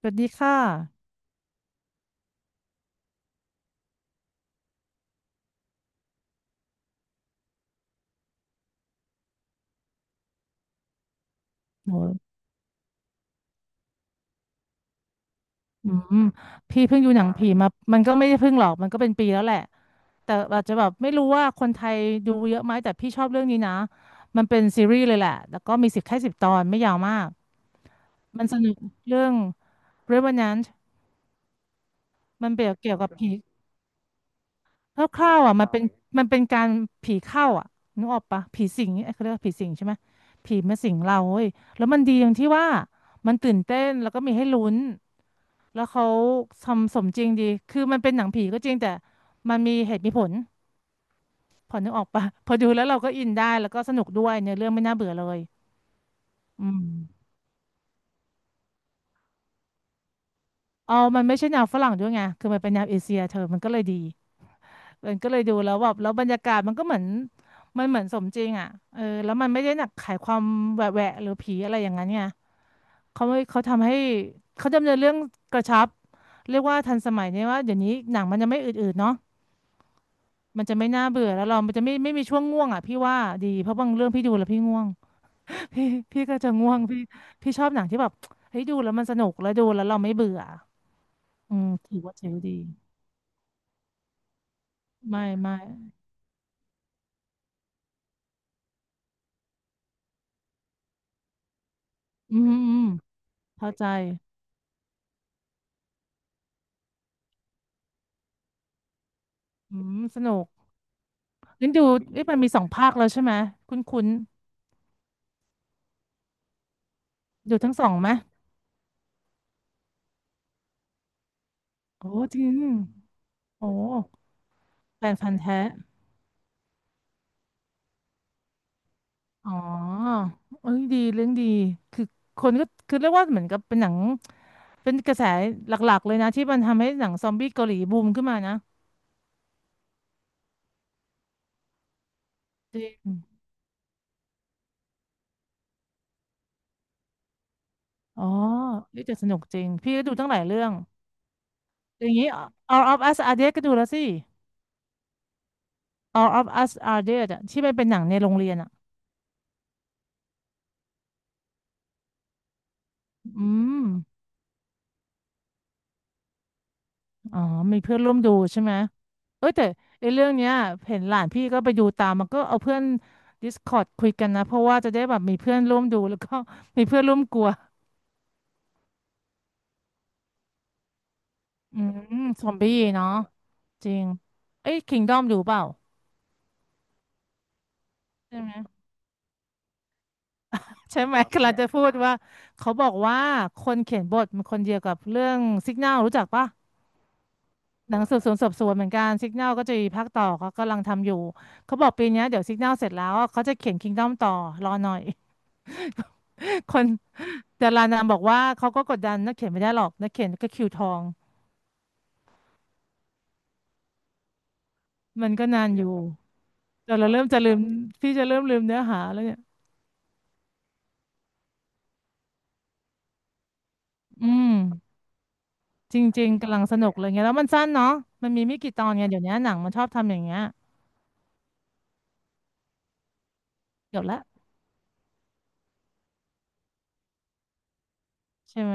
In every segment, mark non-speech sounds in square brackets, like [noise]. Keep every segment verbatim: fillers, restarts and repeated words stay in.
สวัสดีค่ะโหอืมพี่เพิ่งดูหนังผีมามันก็ไม่ได้เพิ่งหรอก มันก็เป็นปีแล้วแหละ แต่อาจจะแบบไม่รู้ว่าคนไทยดูเยอะไหม แต่พี่ชอบเรื่องนี้นะ มันเป็นซีรีส์เลยแหละ แล้วก็มีสิบแค่สิบตอน ไม่ยาวมาก มันสนุกเรื่อง Revenant มันเปรียบเกี่ยวกับผี คร่าวๆอ่ะมัน่เป็นมันเป็นการผีเข้าอ่ะนึกออกปะผีสิงเอ้ยเขาเรียกว่าผีสิงใช่ไหมผีมาสิงเราเว้ยแล้วมันดีตรงที่ว่ามันตื่นเต้นแล้วก็มีให้ลุ้นแล้วเขาทำสมจริงดีคือมันเป็นหนังผีก็จริงแต่มันมีเหตุมีผลพอนึกออกปะ [laughs] พอดูแล้วเราก็อินได้แล้วก็สนุกด้วยเนื้อเรื่องไม่น่าเบื่อเลยอืมเอามันไม่ใช่แนวฝรั่งด้วยไงคือมันเป็นแนวเอเชียเธอมันก็เลยดี มันก็เลยดูแล้วแบบแล้วบรรยากาศมันก็เหมือนมันเหมือนสมจริงอ่ะเออแล้วมันไม่ได้หนักขายความแหวะแหวะหรือผีอะไรอย่างนั้นไงเขาไม่เขาทำให้เขาดำเนินเรื่องกระชับเรียกว่าทันสมัยเนี่ยว่าเดี๋ยวนี้หนังมันจะไม่อืดๆเนาะมันจะไม่น่าเบื่อแล้วเรามันจะไม่ไม่มีช่วงง่วงอ่ะพี่ว่าดีเพราะบางเรื่องพี่ดูแล้วพี่ง่วง [laughs] พี่พี่ก็จะง่วงพี่พี่ชอบหนังที่แบบเฮ้ยดูแล้วมันสนุกแล้วดูแล้วเราไม่เบื่ออืมถือว่าเจ๋งดีไม่ไม่อืมอืมเข้าใจอืมสนุก งั้นดูเอ๊ะมันมีสองภาคแล้วใช่ไหมคุ้นคุ้นดูทั้งสองไหมโอ้จริงโอ้แฟนพันธุ์แท้อ๋อเอ้ยดีเรื่องดีคือคนก็คือเรียกว่าเหมือนกับเป็นหนังเป็นกระแสหลักๆเลยนะที่มันทำให้หนังซอมบี้เกาหลีบูมขึ้นมานะจริงอ๋อนี่จะสนุกจริงพี่ก็ดูตั้งหลายเรื่องอย่างนี้ All of Us Are Dead ก็ดูแล้วสิ All of Us Are Dead อะที่มันเป็นหนังในโรงเรียนอ่ะอืม อ๋อ มีเพื่อนร่วมดูใช่ไหม เอ้ยแต่ไอ้เรื่องเนี้ยเห็นหลานพี่ก็ไปดูตามมันก็เอาเพื่อน Discord คุยกันนะเพราะว่าจะได้แบบมีเพื่อนร่วมดูแล้วก็ [laughs] มีเพื่อนร่วมกลัว อืมซอมบี้เนาะจริงเอ้ย Kingdom ดอมดูเปล่าใช่ไหมใช่ไหมค [laughs] กำลังนจะพูดว่าเขาบอกว่าคนเขียนบทมันคนเดียวกับเรื่อง Signal รู้จักปะหนังสืบสวนสอบสวนเหมือนกันซิก n a l ก็จะมีภาคต่อเขากำลังทำอยู่เขาบอกปีเนี้ยเดี๋ยวซิก n a l เสร็จแล้วอะเขาจะเขียนคิงด ดี โอ ต่อรอหน่อย [laughs] คน แต่ลานามบอกว่าเขาก็กดดันนักเขียนไม่ได้หรอกนักเขียนก็คิวทองมันก็นานอยู่แต่เราเริ่มจะลืมพี่จะเริ่มลืมเนื้อหาแล้วเนี่ยอืมจริงๆกำลังสนุกเลยไงแล้วมันสั้นเนาะมันมีไม่กี่ตอนไงเดี๋ยวนี้หนังมันชอบทำอย่างเงี้ยเดี๋ยวละใช่ไหม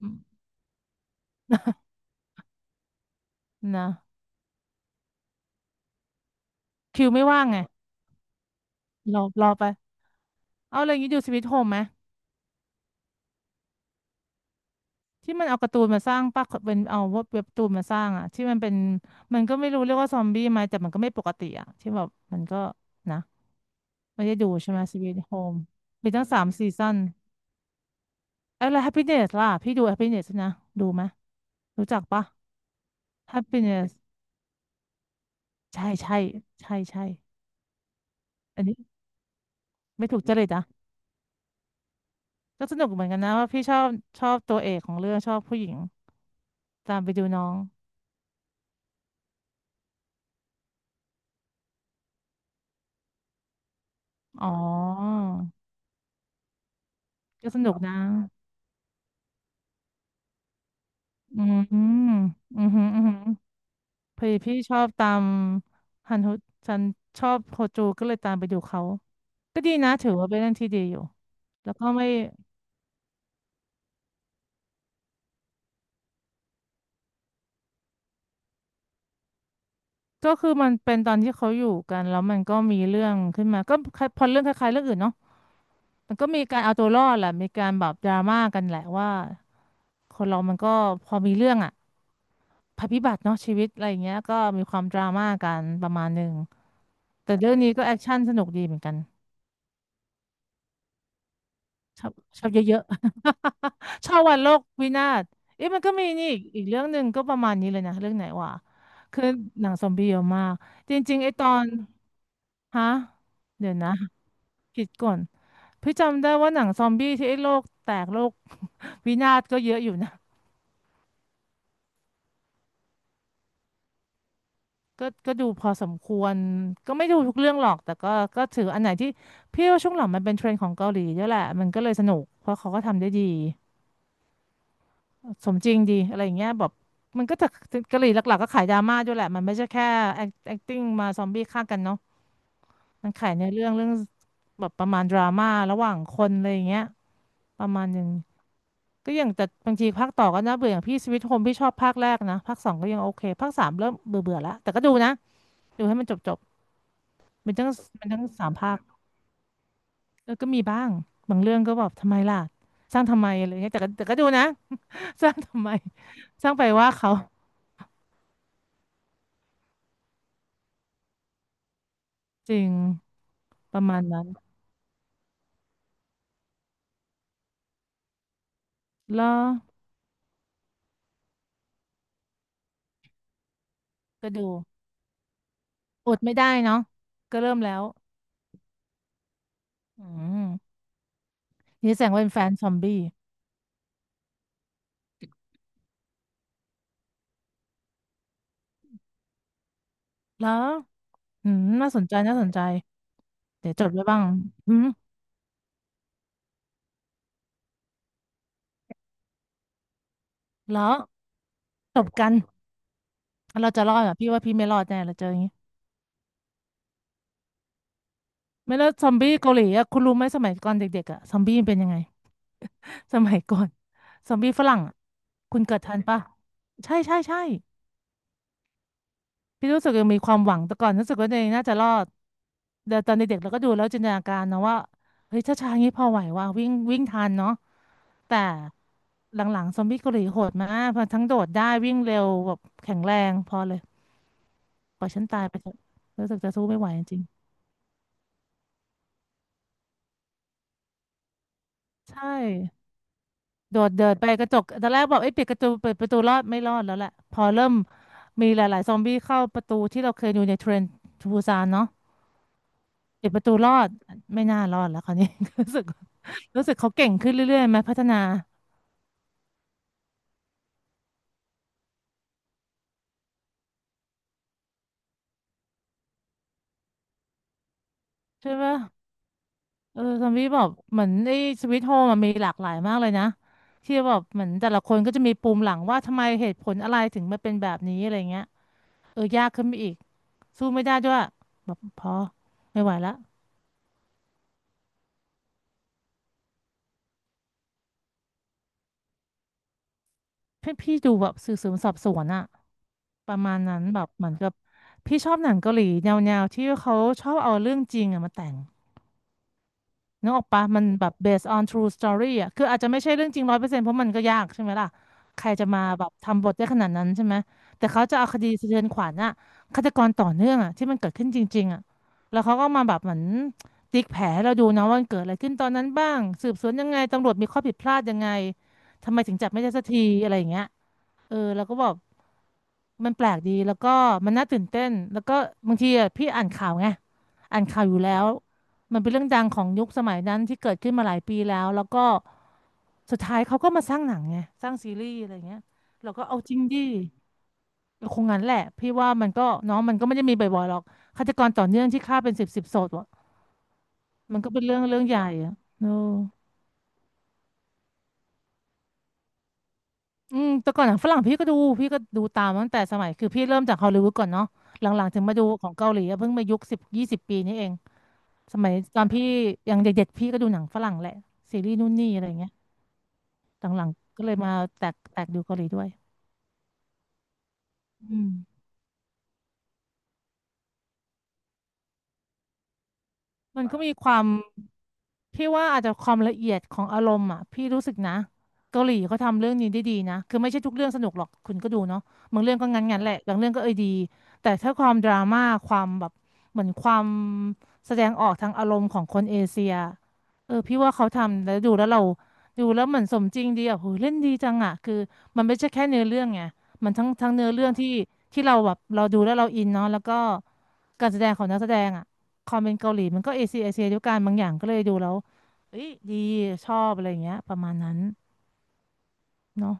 อืม [laughs] นะคิวไม่ว่างไงรอรอไปเอาอะไรอย่างนี้ดูสวิตโฮมไหมที่มันเอาการ์ตูนมาสร้างปะเป็นเอาเว็บเว็บการ์ตูนมาสร้างอะที่มันเป็นมันก็ไม่รู้เรียกว่าซอมบี้ไหมแต่มันก็ไม่ปกติอะที่แบบมันก็นะ ไม่ได้ดูใช่ไหมสวีทโฮมมีตั้งสามซีซั่นเอ้ยแล้ว Happiness ล่ะพี่ดู Happiness นะดูไหมยรู้จักปะ Happiness ใช่ใช่ใช่ใช่อันนี้ไม่ถูกจริตอ่ะก็สนุกเหมือนกันนะว่าพี่ชอบชอบตัวเอกของเรื่องชอบผู้หญิงตามไปดูน้องอ๋อก็สนุกนะอืมอืมอืมอืมพอดีพี่ชอบตามฮันฮุฉันชอบโฮจูก็เลยตามไปดูเขาก็ดีนะถือว่าเป็นเรื่องที่ดีอยู่แล้วก็ไม่ ก็คือมันเป็นตอนที่เขาอยู่กันแล้วมันก็มีเรื่องขึ้นมาก็คล้ายพอเรื่องคล้ายๆเรื่องอื่นเนาะมันก็มีการเอาตัวรอดแหละมีการแบบดราม่ากันแหละว่าคนเรามันก็พอมีเรื่องอะภัยพิบัติเนาะชีวิตอะไรอย่างเงี้ยก็มีความดราม่ากันประมาณหนึ่งแต่เรื่องนี้ก็แอคชั่นสนุกดีเหมือนกันชอบชอบเยอะๆ [laughs] ชอบวันโลกวินาศเอ๊ะมันก็มีนี่อีกอีกเรื่องหนึ่งก็ประมาณนี้เลยนะเรื่องไหนวะคือหนังซอมบี้เยอะมากจริงๆไอ้ตอนฮะเดี๋ยวนะคิดก่อน พี่จำได้ว่าหนังซอมบี้ที่ไอ้โลกแตกโลก [laughs] วินาศก็เยอะอยู่นะก็ก็ดูพอสมควรก็ไม่ดูทุกเรื่องหรอกแต่ก็ก็ถืออันไหนที่พี่ว่าช่วงหลังมันเป็นเทรนด์ของเกาหลีเยอะแหละมันก็เลยสนุกเพราะเขาก็ทำได้ดีสมจริงดีอะไรอย่างเงี้ยแบบมันก็จะเกาหลีหลักๆก็ขายดราม่าด้วยแหละมันไม่ใช่แค่ act- acting มาซอมบี้ฆ่ากันเนาะมันขายในเรื่องเรื่องแบบประมาณดราม่าระหว่างคนอะไรอย่างเงี้ยประมาณหนึ่ง ก็อย่างแต่บางทีภาคต่อก็น่าเบื่ออย่างพี่สวิตโฮมพี่ชอบภาคแรกนะภาคสองก็ยังโอเคภาคสามเริ่มเบื่อเบื่อแล้วแต่ก็ดูนะดูให้มันจบจบมันทั้งมันทั้งสามภาคเออก็มีบ้างบางเรื่องก็แบบทำไมล่ะสร้างทำไมอะไรเงี้ยแต่ก็แต่ก็ดูนะ [laughs] สร้างทำไมสร้างไปว่าเขาจริงประมาณนั้นแล้วก็ดูอดไม่ได้เนาะก็เริ่มแล้วอืมนี่แสดงว่าเป็นแฟนซอมบี้แล้วอืมน่าสนใจน่าสนใจเดี๋ยวจดไว้บ้างอืมแล้วจบกัน เราจะรอดอ่อพี่ว่าพี่ไม่รอดแน่เราเจออย่างนี้ไม่แล้วซอมบี้เกาหลีอะคุณรู้ไหมสมัยก่อนเด็กๆอ่ะซอมบี้มันเป็นยังไง [laughs] สมัยก่อนซอมบี้ฝรั่งอะคุณเกิดทันปะใช่ใช่ใช่พี่รู้สึกยังมีความหวังแต่ก่อนรู้สึกว่าตัวเองน่าจะรอดแต่ตอนเด็กๆเราก็ดูแล้วจินตนาการนะว่าเฮ้ยถ้าช้าอย่างนี้พอไหวว่าวิ่งวิ่งทันเนาะแต่หลังๆซอมบี้เกาหลีโหดมากพอทั้งโดดได้วิ่งเร็วแบบแข็งแรงพอเลยปล่อยฉันตายไปเถอะรู้สึกจะสู้ไม่ไหวจริงๆใช่ โดดเดินไปกระจกตอนแรกบอกเอ้ยปิดกระจกเปิดประตูรอดไม่รอดแล้วแหละพอเริ่มมีหลายๆซอมบี้เข้าประตูที่เราเคยดูในเทรนทูซานเนาะปิดประตูรอดไม่น่ารอดแล้วคราวนี้ [laughs] รู้สึกรู้สึกเขาเก่งขึ้นเรื่อยๆไหมพัฒนาใช่ปะเออซอมบี้บอกเหมือนไอ้สวิตโฮมันมีหลากหลายมากเลยนะที่แบบเหมือนแต่ละคนก็จะมีปูมหลังว่าทำไมเหตุผลอะไรถึงมาเป็นแบบนี้อะไรเงี้ยเออยากขึ้นไปอีกสู้ไม่ได้ด้วยพอไม่ไหวละพี่พี่ดูแบบสืบสวนสอบสวนอะ ประมาณนั้นแบบเหมือนกับพี่ชอบหนังเกาหลีแนวๆที่เขาชอบเอาเรื่องจริงอะมาแต่งนึกออกปะมันแบบ based on true story อะคืออาจจะไม่ใช่เรื่องจริงร้อยเปอร์เซ็นต์เพราะมันก็ยากใช่ไหมล่ะใครจะมาแบบทำบทได้ขนาดนั้นใช่ไหมแต่เขาจะเอาคดีสะเทือนขวัญอะฆาตกรต่อเนื่องอะที่มันเกิดขึ้นจริงๆอะแล้วเขาก็มาแบบเหมือนติ๊กแผลให้เราดูนะว่ามันเกิดอะไรขึ้นตอนนั้นบ้างสืบสวนยังไงตำรวจมีข้อผิดพลาดยังไงทำไมถึงจับไม่ได้สักทีอะไรอย่างเงี้ยเออแล้วก็บอก มันแปลกดีแล้วก็มันน่าตื่นเต้นแล้วก็บางทีอะพี่อ่านข่าวไงอ่านข่าวอยู่แล้วมันเป็นเรื่องดังของยุคสมัยนั้นที่เกิดขึ้นมาหลายปีแล้วแล้วก็สุดท้ายเขาก็มาสร้างหนังไงสร้างซีรีส์อะไรเงี้ยเราก็เอาจริงดิคงงั้นแหละพี่ว่ามันก็เน้องมันก็ไม่ได้มีบ่อยๆหรอกฆาตกรต่อเนื่องที่ฆ่าเป็นสิบสิบศพอะมันก็เป็นเรื่องเรื่องใหญ่อะเอออืมแต่ก่อนหนังฝรั่งพี่ก็ดูพี่ก็ดูตามตั้งแต่สมัยคือพี่เริ่มจากฮอลลีวูดก่อนเนาะหลังๆถึงมาดูของเกาหลีอะเพิ่งมายุคสิบยี่สิบปีนี้เอง สมัยตอนพี่ยังเด็กๆพี่ก็ดูหนังฝรั่งแหละซีรีส์นู่นนี่อะไรเงี้ยหลังๆก็เลยมาแตกแตกดูเกาหลีด้วยอืมมันก็มีความ พี่ว่าอาจจะความละเอียดของอารมณ์อ่ะพี่รู้สึกนะเกาหลีเขาทำเรื่องนี้ได้ดีนะคือไม่ใช่ทุกเรื่องสนุกหรอกคุณก็ดูเนาะบางเรื่องก็งั้นๆแหละบางเรื่องก็เอยดีแต่ถ้าความดราม่าความแบบเหมือนความแสดงออกทางอารมณ์ของคนเอเชียเออพี่ว่าเขาทำแล้วดูแล้วเราดูแล้วเหมือนสมจริงดีอ่ะโหเล่นดีจังอ่ะคือมันไม่ใช่แค่เนื้อเรื่องไงมันทั้งทั้งเนื้อเรื่องที่ที่เราแบบเราดูแล้วเราอินเนาะแล้วก็การแสดงของนักแสดงอ่ะความเป็นเกาหลีมันก็เอเชียเอเชียด้วยกันบางอย่างก็เลยดูแล้ว เอ้ยดีชอบอะไรอย่างเงี้ยประมาณนั้นเนาะ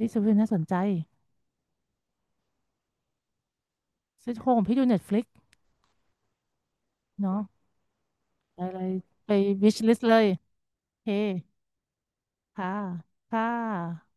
ดิสพินน่าสนใจซิทโฮมพี่ดูเน็ตฟลิกเนาะอะไรไปวิชลิสเลยโอเคค่ะค่ะ